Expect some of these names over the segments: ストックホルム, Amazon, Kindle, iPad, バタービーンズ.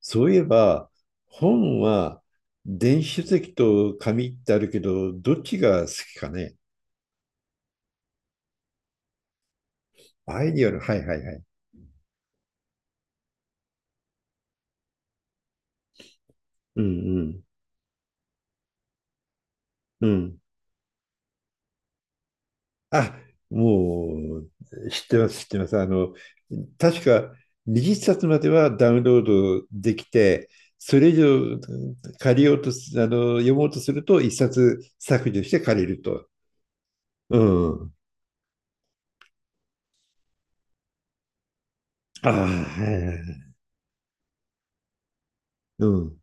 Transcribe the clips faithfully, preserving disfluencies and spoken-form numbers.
そういえば、本は電子書籍と紙ってあるけど、どっちが好きかね。アイディアル、はいはいはい。うんうん。うん。あ、もう、知ってます、知ってます。あの、確かにじゅっさつまではダウンロードできて、それ以上借りようとす、あの、読もうとするといっさつ削除して借りると。うん。ああ、はいはいはい。うん。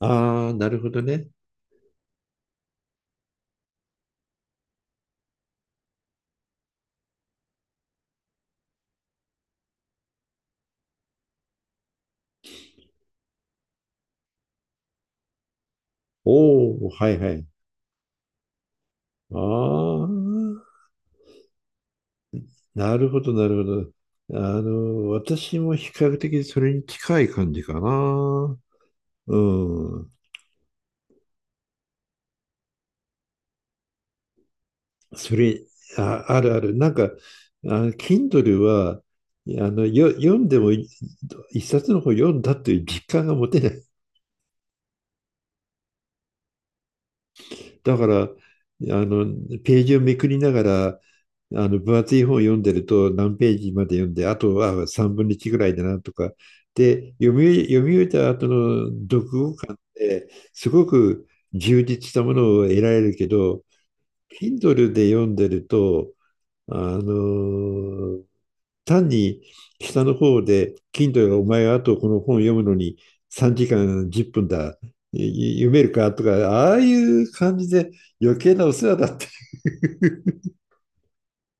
ああ、なるほどね。おお、はいはい。ああ、なるほど、なるほど。あの、私も比較的それに近い感じかな。うん。それ、あ、あるある。なんか、あの、Kindle は、あの、よ、読んでもいいっさつの本読んだという実感が持てない。だから、あの、ページをめくりながら、あの分厚い本を読んでると何ページまで読んで、あとはさんぶんのいちぐらいだなとか、で、読み、読み終えた後の読後感ってすごく充実したものを得られるけど、Kindle で読んでると、あのー単に下の方で、Kindle がお前はあとこの本読むのにさんじかんじゅっぷんだ、読めるかとか、ああいう感じで余計なお世話だってい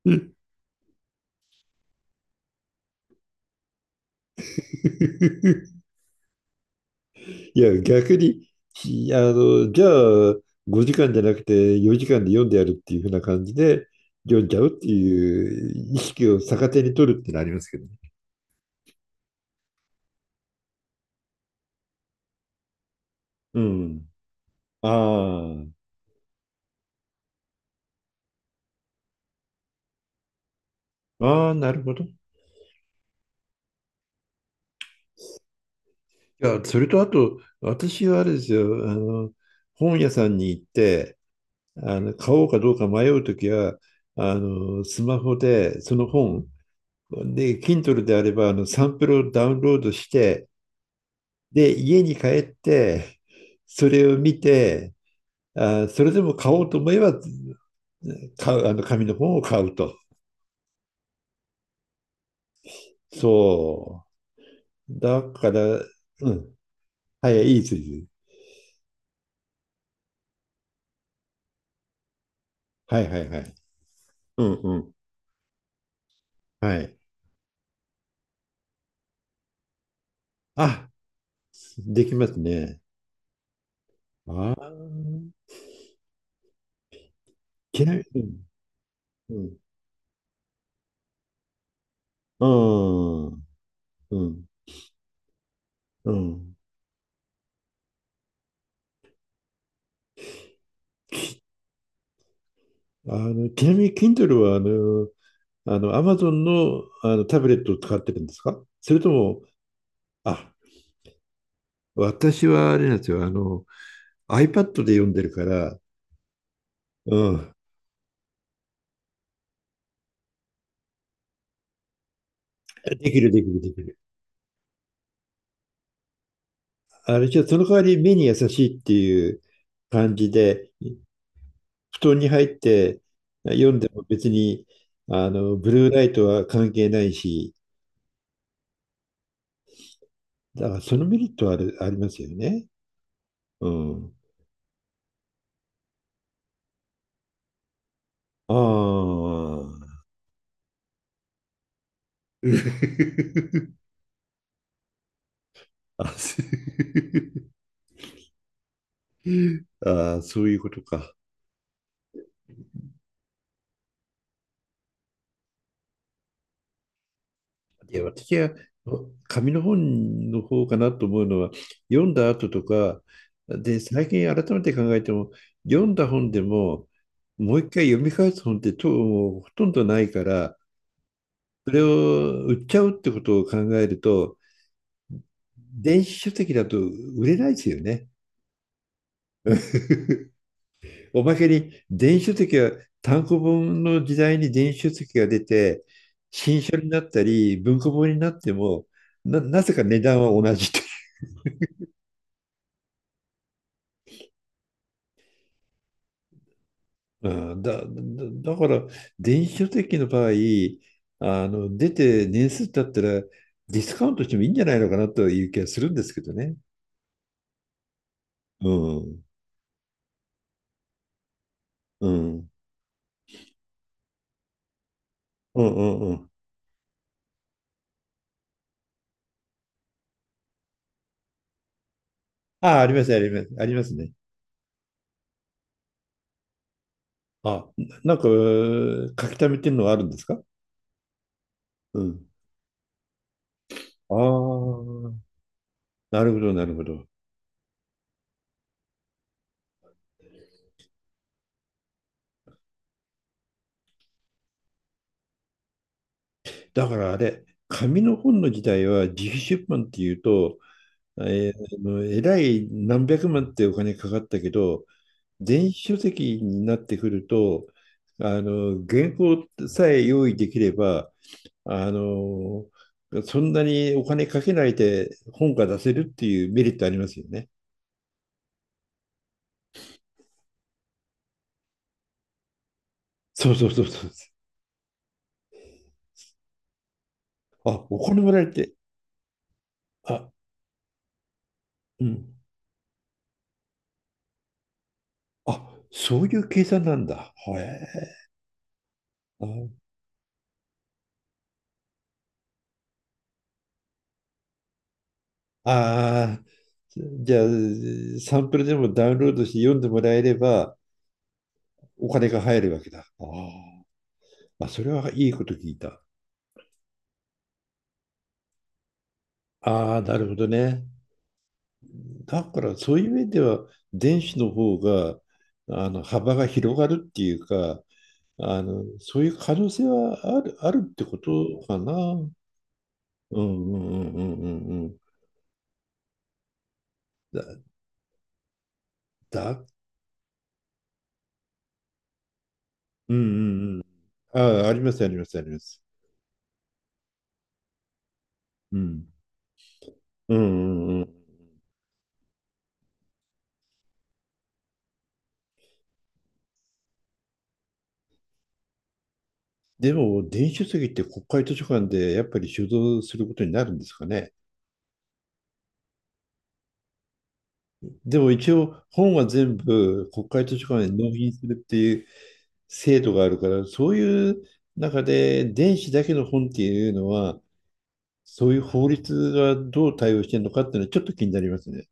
う。 いや、逆に、ひあの、じゃあ、ごじかんじゃなくてよじかんで読んでやるっていうふな感じで、読んじゃうっていう意識を逆手に取るってのありますけどね。うん。ああ、ああ、なるほど。いや、それとあと、私はあれですよ。あの、本屋さんに行って、あの、買おうかどうか迷うときは、あの、スマホでその本、で、Kindle であれば、あの、サンプルをダウンロードして、で、家に帰って、それを見て、あ、それでも買おうと思えば、買う、あの紙の本を買うと。そう。だから、うん。はい、いい筋。はいはいはい。うんうん。はい。あ、できますね。ああ、ちなみに、うん、うん、うん、うん。うん。あの、ちなみに Kindle は、あの、あの、Amazon の、あのタブレットを使ってるんですかそれとも、あ、私はあれなんですよ。あの、iPad で読んでるから、うん、できるできるできる。あれじゃその代わり目に優しいっていう感じで、布団に入って読んでも別に、あの、ブルーライトは関係ないし、だからそのメリットはある、ありますよね。うん。ああ。あ、す あーそういうことか。いや、私は紙の本の方かなと思うのは、読んだ後とか、で、最近改めて考えても、読んだ本でも、もういっかい読み返す本ってともうほとんどないから、それを売っちゃうってことを考えると、電子書籍だと売れないですよね。おまけに電子書籍は単行本の時代に電子書籍が出て、新書になったり文庫本になってもな、なぜか値段は同じ。うん、だ、だ、だから電子書籍の場合あの出て年数経ったらディスカウントしてもいいんじゃないのかなという気がするんですけどね。うん、うん、うん、うん、うん。ああ、あります、あります、ありますね。あ、なんか書き溜めてるのがあるんですか。うん。ああ、なるほど、なるほど。だからあれ、紙の本の時代は自費出版っていうと、えー、あのえらいなんびゃくまんってお金かかったけど、電子書籍になってくると、あの、原稿さえ用意できれば、あの、そんなにお金かけないで本が出せるっていうメリットありますよね。そうそうそうそう。あ、お金もらえて、あ、うん。あ、そういう計算なんだ。へえ。ああー、じゃあ、サンプルでもダウンロードして読んでもらえれば、お金が入るわけだ。あー、あ、それはいいこと聞いた。ああ、なるほどね。だからそういう面では電子の方があの幅が広がるっていうかあのそういう可能性はある、あるってことかな。うんうんうんうんうんうん。だ、だ、うんうんうん。あ、ありますありますあります。うん。うんうんうん。でも電子書籍って国会図書館でやっぱり収蔵することになるんですかね。でも一応本は全部国会図書館に納品するっていう制度があるから、そういう中で電子だけの本っていうのは、そういう法律がどう対応してるのかっていうのはちょっと気になりますね。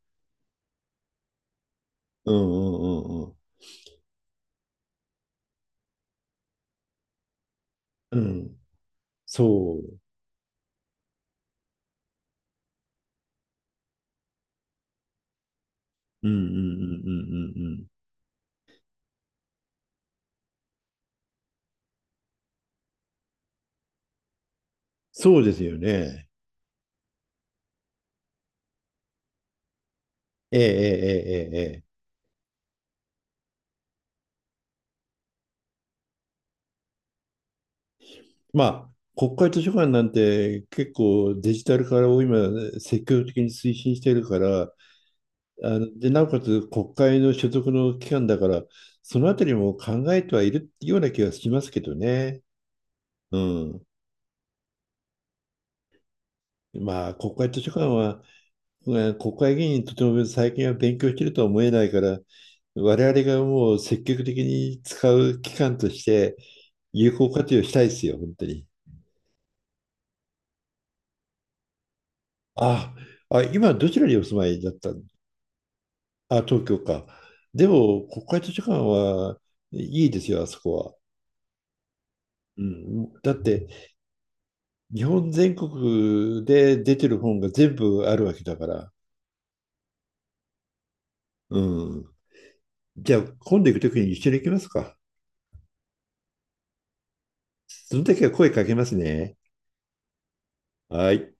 うんうんうんうん。うん。そう。うんうんうんうんうんうん。そうですよね。ええええええええ。まあ、国会図書館なんて結構デジタル化を今積極的に推進してるから、あの、で、なおかつ国会の所属の機関だから、そのあたりも考えてはいるような気がしますけどね。うん。まあ、国会図書館は、うん、国会議員にとても最近は勉強してるとは思えないから、我々がもう積極的に使う機関として有効活用したいですよ、本当に。あ、あ、今どちらにお住まいだったの。あ、東京か。でも、国会図書館はいいですよ、あそこは。うん、だって、日本全国で出てる本が全部あるわけだから。うん。じゃあ、今度行くときに一緒に行きますか。その時は声かけますね。はい。